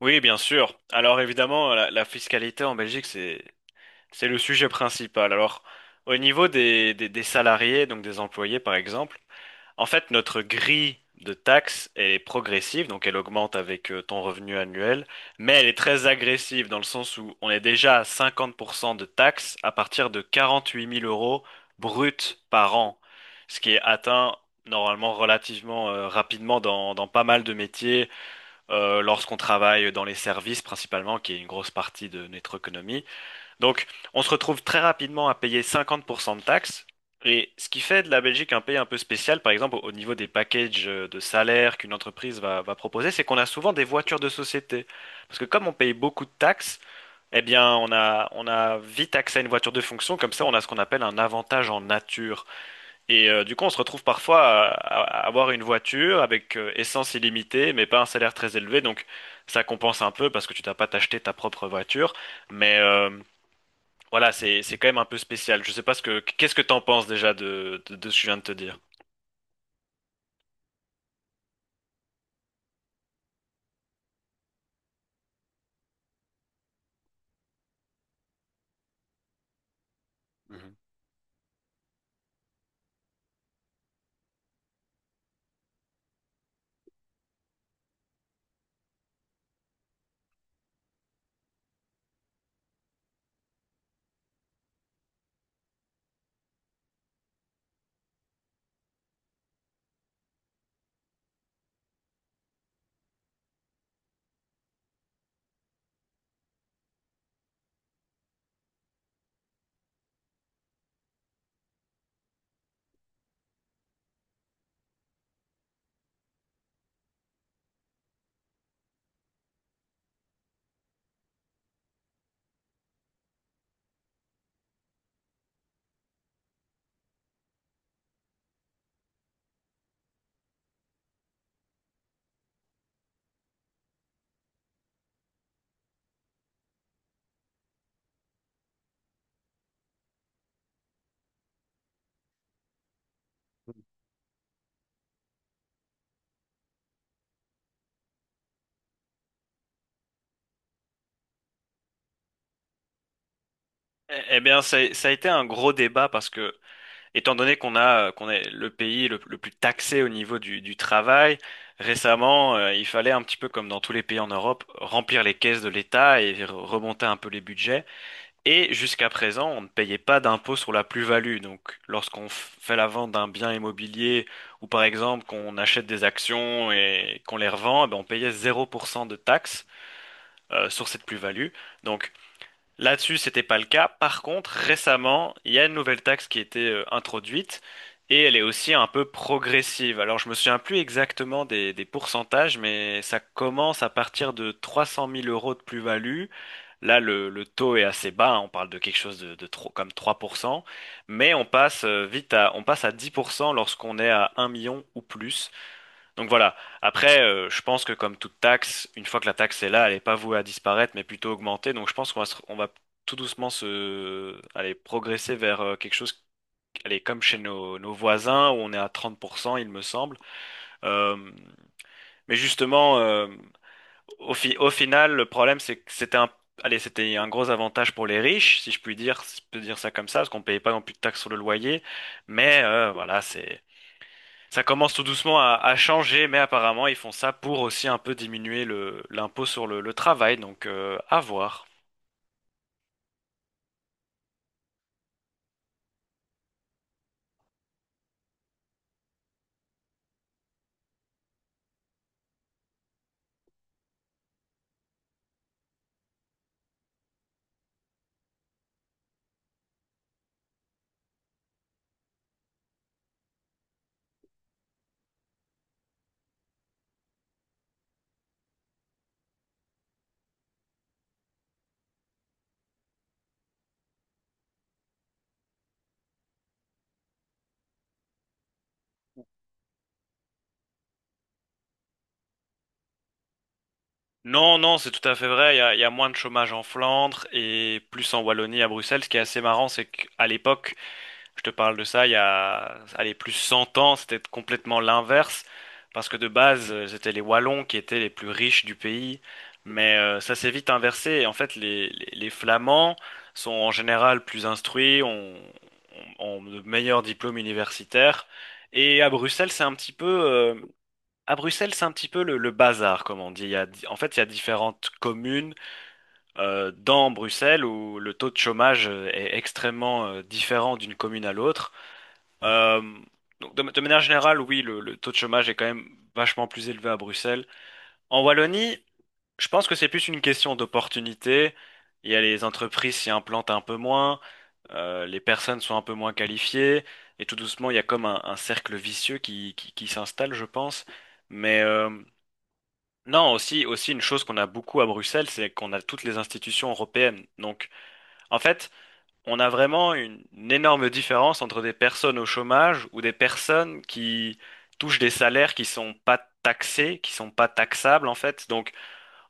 Oui, bien sûr. Alors évidemment, la fiscalité en Belgique, c'est le sujet principal. Alors au niveau des salariés, donc des employés par exemple, en fait notre grille de taxes est progressive, donc elle augmente avec ton revenu annuel, mais elle est très agressive dans le sens où on est déjà à 50% de taxes à partir de 48 000 euros bruts par an, ce qui est atteint normalement relativement rapidement dans pas mal de métiers lorsqu'on travaille dans les services principalement, qui est une grosse partie de notre économie. Donc, on se retrouve très rapidement à payer 50% de taxes. Et ce qui fait de la Belgique un pays un peu spécial, par exemple au niveau des packages de salaire qu'une entreprise va proposer, c'est qu'on a souvent des voitures de société. Parce que comme on paye beaucoup de taxes, eh bien on a vite accès à une voiture de fonction, comme ça on a ce qu'on appelle un avantage en nature. Et du coup, on se retrouve parfois à avoir une voiture avec essence illimitée, mais pas un salaire très élevé. Donc, ça compense un peu parce que tu n'as pas t'acheter ta propre voiture. Mais voilà, c'est quand même un peu spécial. Je sais pas ce que qu'est-ce que t'en penses déjà de ce que je viens de te dire. Mhm. Eh bien, ça a été un gros débat parce que, étant donné qu'on a, qu'on est le pays le plus taxé au niveau du travail, récemment, il fallait un petit peu comme dans tous les pays en Europe, remplir les caisses de l'État et remonter un peu les budgets. Et jusqu'à présent, on ne payait pas d'impôt sur la plus-value. Donc, lorsqu'on fait la vente d'un bien immobilier ou par exemple qu'on achète des actions et qu'on les revend, eh ben, on payait 0% de taxes sur cette plus-value. Donc, là-dessus, c'était pas le cas. Par contre, récemment, il y a une nouvelle taxe qui a été introduite et elle est aussi un peu progressive. Alors, je me souviens plus exactement des pourcentages, mais ça commence à partir de 300 000 euros de plus-value. Là, le taux est assez bas, hein, on parle de quelque chose de trop, comme 3%, mais on passe vite à, on passe à 10% lorsqu'on est à 1 million ou plus. Donc voilà. Après, je pense que comme toute taxe, une fois que la taxe est là, elle n'est pas vouée à disparaître, mais plutôt augmenter. Donc je pense qu'on va, on va tout doucement se, aller progresser vers quelque chose, allez, comme chez nos voisins, où on est à 30%, il me semble. Euh, mais justement, au, au final, le problème, c'est que c'était un, allez, c'était un gros avantage pour les riches, si je puis dire, si je peux dire ça comme ça, parce qu'on payait pas non plus de taxes sur le loyer. Mais voilà, c'est ça commence tout doucement à changer, mais apparemment ils font ça pour aussi un peu diminuer le, l'impôt sur le travail, donc à voir. Non, non, c'est tout à fait vrai, il y a moins de chômage en Flandre et plus en Wallonie à Bruxelles. Ce qui est assez marrant, c'est qu'à l'époque, je te parle de ça il y a, allez, plus 100 ans, c'était complètement l'inverse, parce que de base, c'était les Wallons qui étaient les plus riches du pays, mais ça s'est vite inversé, et en fait, les Flamands sont en général plus instruits, ont, ont de meilleurs diplômes universitaires, et à Bruxelles, c'est un petit peu... à Bruxelles, c'est un petit peu le bazar, comme on dit. Il y a, en fait, il y a différentes communes dans Bruxelles où le taux de chômage est extrêmement différent d'une commune à l'autre. Euh, donc de manière générale, oui, le taux de chômage est quand même vachement plus élevé à Bruxelles. En Wallonie, je pense que c'est plus une question d'opportunité. Il y a les entreprises s'y implantent un peu moins, les personnes sont un peu moins qualifiées, et tout doucement, il y a comme un cercle vicieux qui s'installe, je pense. Mais non, aussi, aussi une chose qu'on a beaucoup à Bruxelles, c'est qu'on a toutes les institutions européennes. Donc, en fait, on a vraiment une énorme différence entre des personnes au chômage ou des personnes qui touchent des salaires qui sont pas taxés, qui sont pas taxables en fait. Donc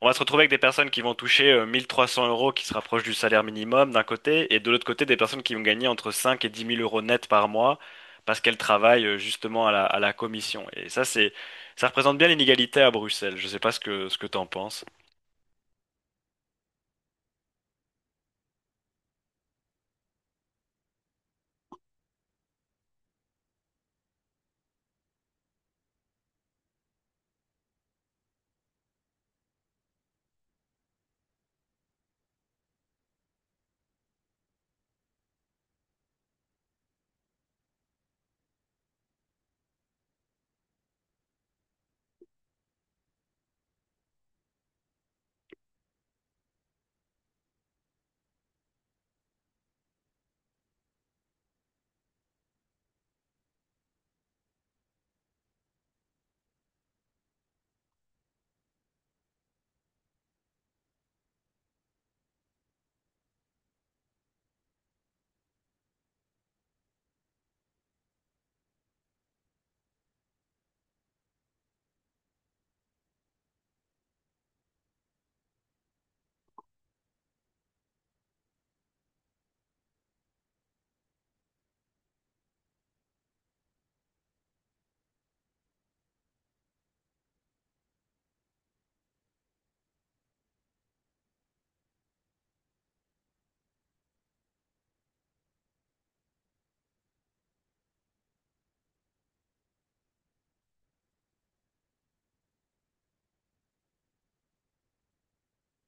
on va se retrouver avec des personnes qui vont toucher 1 300 euros qui se rapprochent du salaire minimum d'un côté et de l'autre côté des personnes qui vont gagner entre 5 et 10 000 euros net par mois parce qu'elles travaillent justement à la commission. Et ça représente bien l'inégalité à Bruxelles. Je sais pas ce que ce que t'en penses.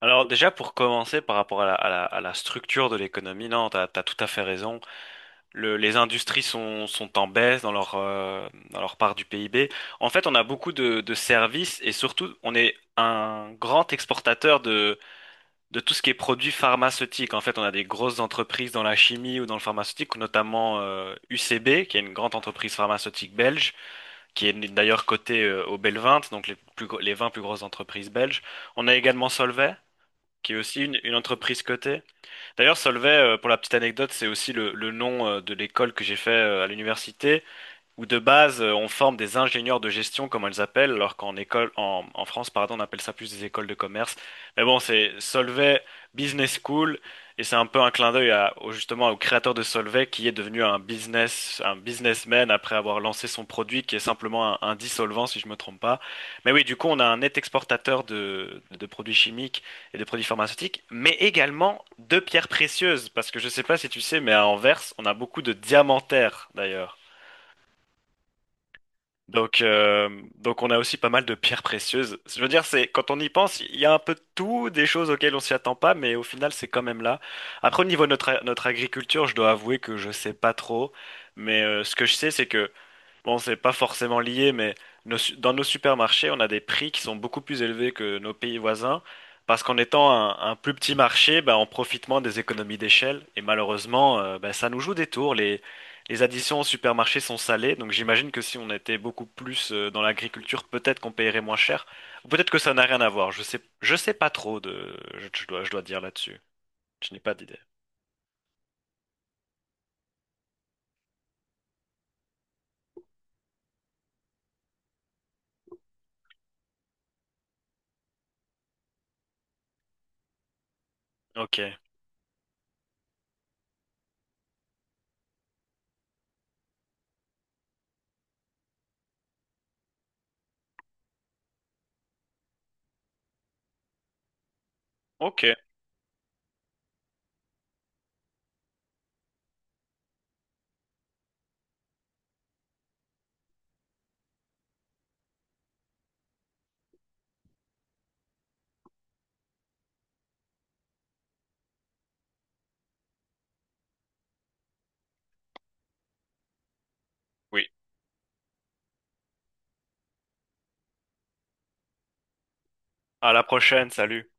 Alors déjà pour commencer par rapport à la, à la, à la structure de l'économie, non, t'as tout à fait raison. Les industries sont en baisse dans leur part du PIB. En fait, on a beaucoup de services et surtout, on est un grand exportateur de tout ce qui est produits pharmaceutiques. En fait, on a des grosses entreprises dans la chimie ou dans le pharmaceutique, notamment UCB, qui est une grande entreprise pharmaceutique belge, qui est d'ailleurs cotée au bel, donc les, plus, les 20 plus grosses entreprises belges. On a également Solvay, qui est aussi une entreprise cotée. D'ailleurs, Solvay, pour la petite anecdote, c'est aussi le nom de l'école que j'ai fait à l'université où de base, on forme des ingénieurs de gestion, comme on les appelle, alors qu'en école, en France, pardon, on appelle ça plus des écoles de commerce. Mais bon, c'est Solvay Business School, et c'est un peu un clin d'œil à, justement au créateur de Solvay, qui est devenu un business, un businessman après avoir lancé son produit, qui est simplement un dissolvant, si je me trompe pas. Mais oui, du coup, on a un net exportateur de produits chimiques et de produits pharmaceutiques, mais également de pierres précieuses, parce que je sais pas si tu sais, mais à Anvers, on a beaucoup de diamantaires, d'ailleurs. Donc on a aussi pas mal de pierres précieuses. Je veux dire, c'est quand on y pense, il y a un peu de tout, des choses auxquelles on s'y attend pas, mais au final, c'est quand même là. Après, au niveau de notre, notre agriculture, je dois avouer que je sais pas trop, mais ce que je sais, c'est que, bon, c'est pas forcément lié, mais dans nos supermarchés, on a des prix qui sont beaucoup plus élevés que nos pays voisins, parce qu'en étant un plus petit marché, ben, on profite moins des économies d'échelle, et malheureusement, ben, ça nous joue des tours. Les additions au supermarché sont salées, donc j'imagine que si on était beaucoup plus dans l'agriculture, peut-être qu'on payerait moins cher, ou peut-être que ça n'a rien à voir. Je sais pas trop de, je dois dire là-dessus. Je n'ai pas d'idée. Ok, ok, oui. À la prochaine, salut.